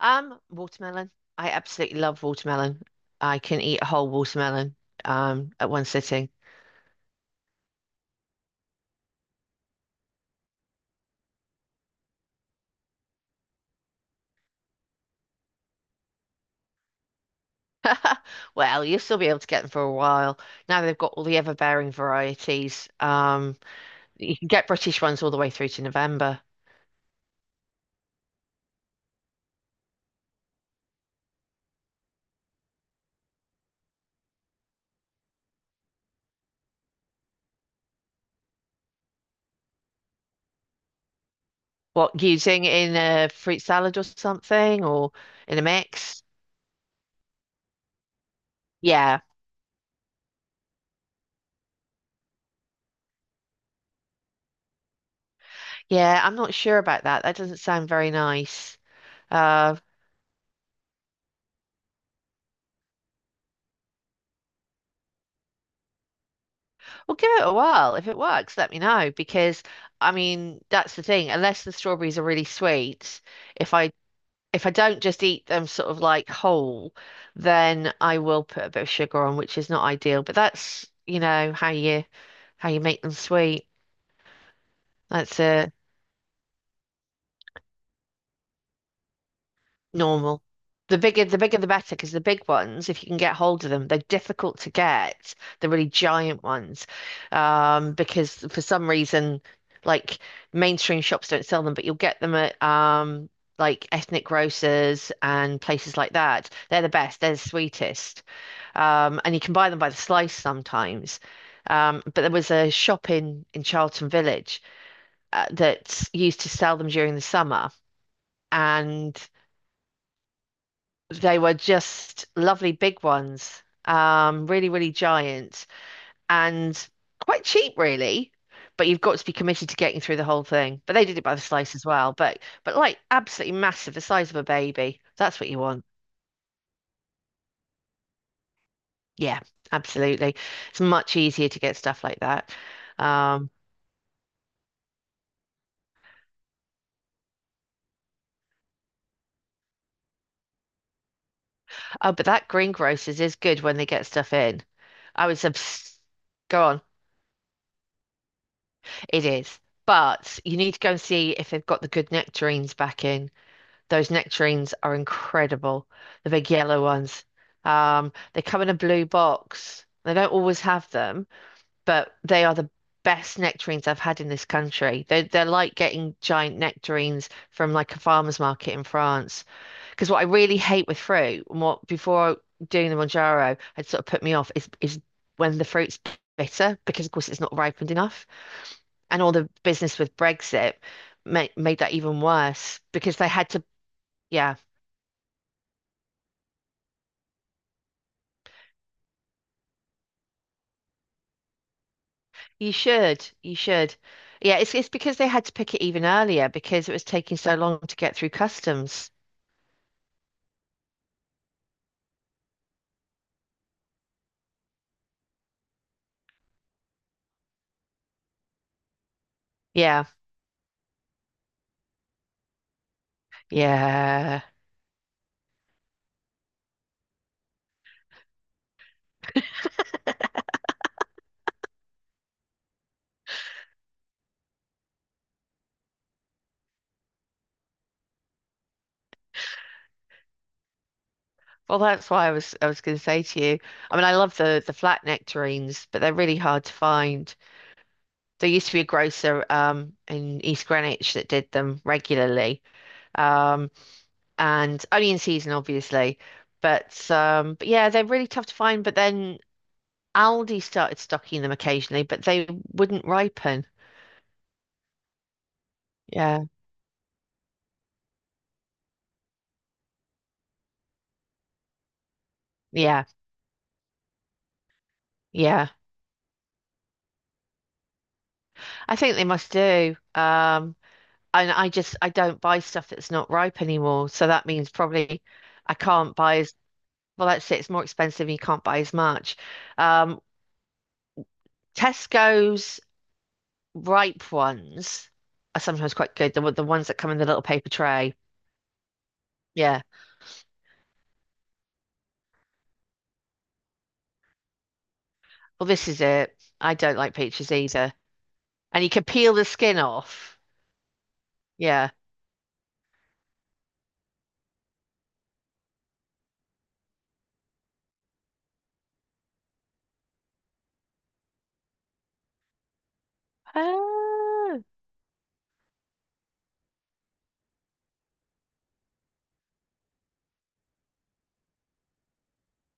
Watermelon. I absolutely love watermelon. I can eat a whole watermelon at one sitting. Well, you'll still be able to get them for a while. Now they've got all the ever-bearing varieties. You can get British ones all the way through to November. What, using in a fruit salad or something or in a mix? Yeah. Yeah, I'm not sure about that. That doesn't sound very nice. Uh, Well, give it a whirl. If it works, let me know because that's the thing. Unless the strawberries are really sweet, if I if I don't just eat them sort of like whole, then I will put a bit of sugar on, which is not ideal. But that's how you how you make them sweet. That's a normal. The bigger, the better, because the big ones, if you can get hold of them, they're difficult to get. The really giant ones, because for some reason, like mainstream shops don't sell them, but you'll get them at like ethnic grocers and places like that. They're the best. They're the sweetest, and you can buy them by the slice sometimes. But there was a shop in Charlton Village that used to sell them during the summer and they were just lovely big ones, really, really giant and quite cheap, really. But you've got to be committed to getting through the whole thing. But they did it by the slice as well. But like absolutely massive, the size of a baby. That's what you want. Yeah, absolutely. It's much easier to get stuff like that. Um, oh, but that greengrocers is good when they get stuff in. I was obs Go on. It is. But you need to go and see if they've got the good nectarines back in. Those nectarines are incredible. The big yellow ones. They come in a blue box. They don't always have them, but they are the best nectarines I've had in this country. They're like getting giant nectarines from like a farmer's market in France. Because what I really hate with fruit, and what before doing the Monjaro had sort of put me off, is when the fruit's bitter, because of course it's not ripened enough, and all the business with Brexit made that even worse because they had to. Yeah. You should. You should. Yeah, it's because they had to pick it even earlier because it was taking so long to get through customs. Yeah. Yeah. Well, that's why I was going to say to you. I love the flat nectarines, but they're really hard to find. There used to be a grocer in East Greenwich that did them regularly. Um and only in season obviously. But yeah, they're really tough to find, but then Aldi started stocking them occasionally, but they wouldn't ripen. Yeah. Yeah. Yeah, I think they must do. And I just I don't buy stuff that's not ripe anymore. So that means probably I can't buy as well. That's it. It's more expensive. And you can't buy as much. Um, Tesco's ripe ones are sometimes quite good. The ones that come in the little paper tray. Yeah. Well, this is it. I don't like peaches either. And you can peel the skin off. Yeah. Ah,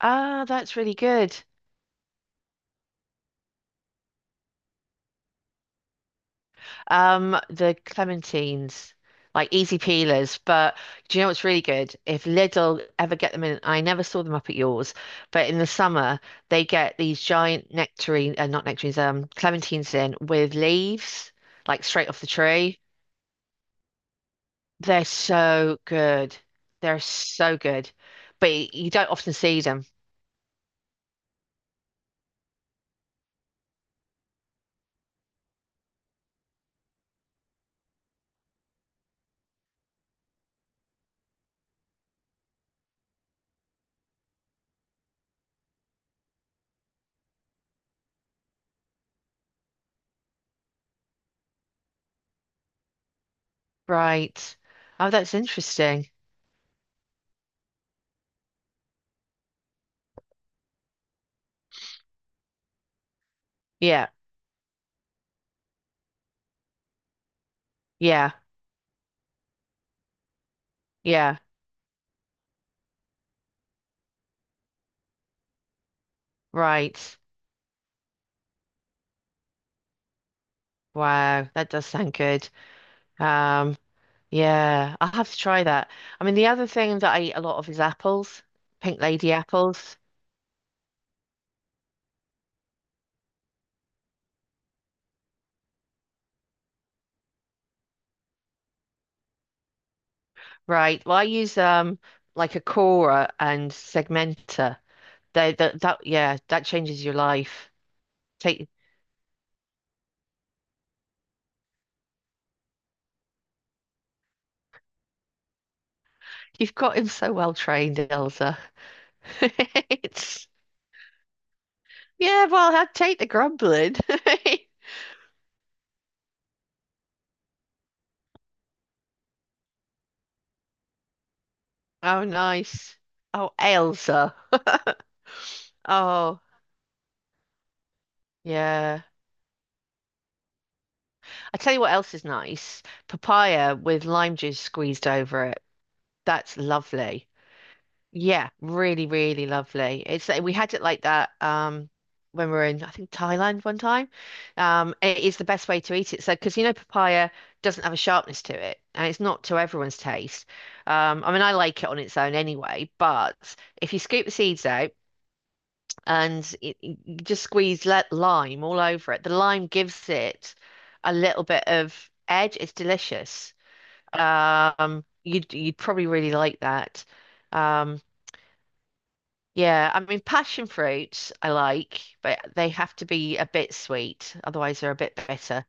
ah, that's really good. The clementines, like easy peelers. But do you know what's really good? If Lidl ever get them in, I never saw them up at yours, but in the summer they get these giant nectarine, not nectarines, clementines in with leaves, like straight off the tree. They're so good. They're so good. But you don't often see them. Right. Oh, that's interesting. Yeah. Yeah. Yeah. Right. Wow. That does sound good. Um, Yeah, I'll have to try that. I mean, the other thing that I eat a lot of is apples, pink lady apples. Right. Well, I use like a corer and segmenter. They that that yeah, that changes your life. Take You've got him so well trained, Elsa. It's Yeah, well, I'd take the grumbling. Oh, nice. Oh, Elsa. Oh, yeah. I tell you what else is nice. Papaya with lime juice squeezed over it. That's lovely. Yeah, really, really lovely. It's like we had it like that when we were in I think Thailand one time. It is the best way to eat it. So because you know papaya doesn't have a sharpness to it and it's not to everyone's taste. I like it on its own anyway, but if you scoop the seeds out you just squeeze let lime all over it, the lime gives it a little bit of edge. It's delicious. You'd probably really like that. Um yeah, I mean, passion fruits I like, but they have to be a bit sweet, otherwise they're a bit bitter.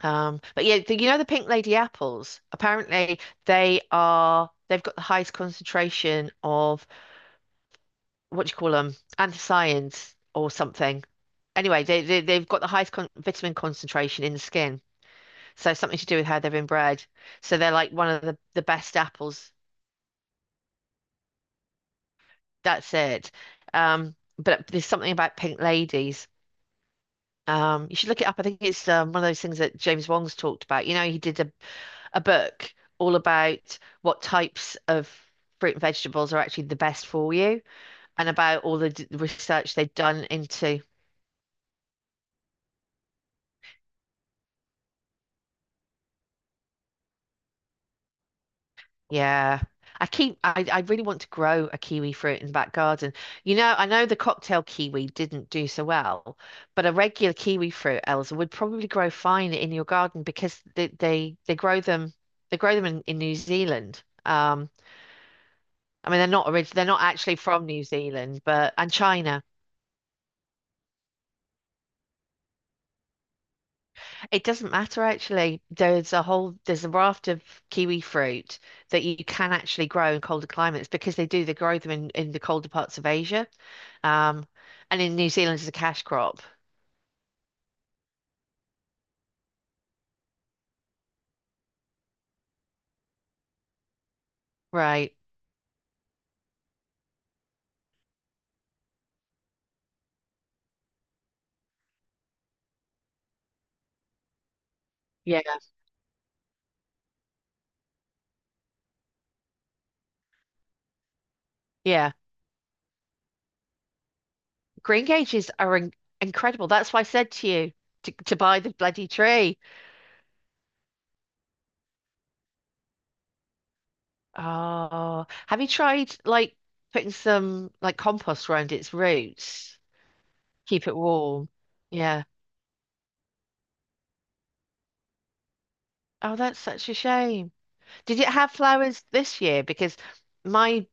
But yeah, the, you know the Pink Lady apples. Apparently, they've got the highest concentration of what do you call them, anthocyanins or something. Anyway, they've got the highest con vitamin concentration in the skin, so something to do with how they've been bred. So they're like one of the best apples. That's it. But there's something about Pink Ladies. You should look it up. I think it's one of those things that James Wong's talked about. You know, a book all about what types of fruit and vegetables are actually the best for you, and about all the d research they've done into. Yeah, I keep. I really want to grow a kiwi fruit in the back garden. You know, I know the cocktail kiwi didn't do so well, but a regular kiwi fruit, Elsa, would probably grow fine in your garden because they grow them in New Zealand. They're not actually from New Zealand, but and China. It doesn't matter actually. There's a raft of kiwi fruit that you can actually grow in colder climates because they grow them in the colder parts of Asia, um, and in New Zealand it's a cash crop, right? Yeah, yeah. Green gages are in incredible. That's why I said to you to buy the bloody tree. Oh, have you tried like putting some like compost around its roots? Keep it warm. Yeah. Oh, that's such a shame. Did it have flowers this year? My,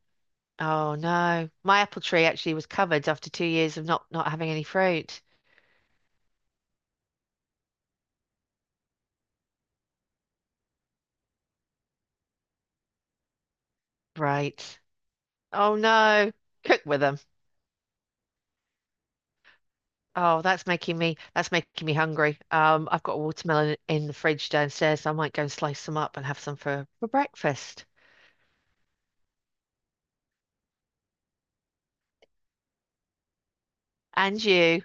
oh no, my apple tree actually was covered after 2 years of not having any fruit. Right. Oh no. Cook with them. Oh, that's making me hungry. I've got a watermelon in the fridge downstairs, so I might go and slice some up and have some for breakfast. And you.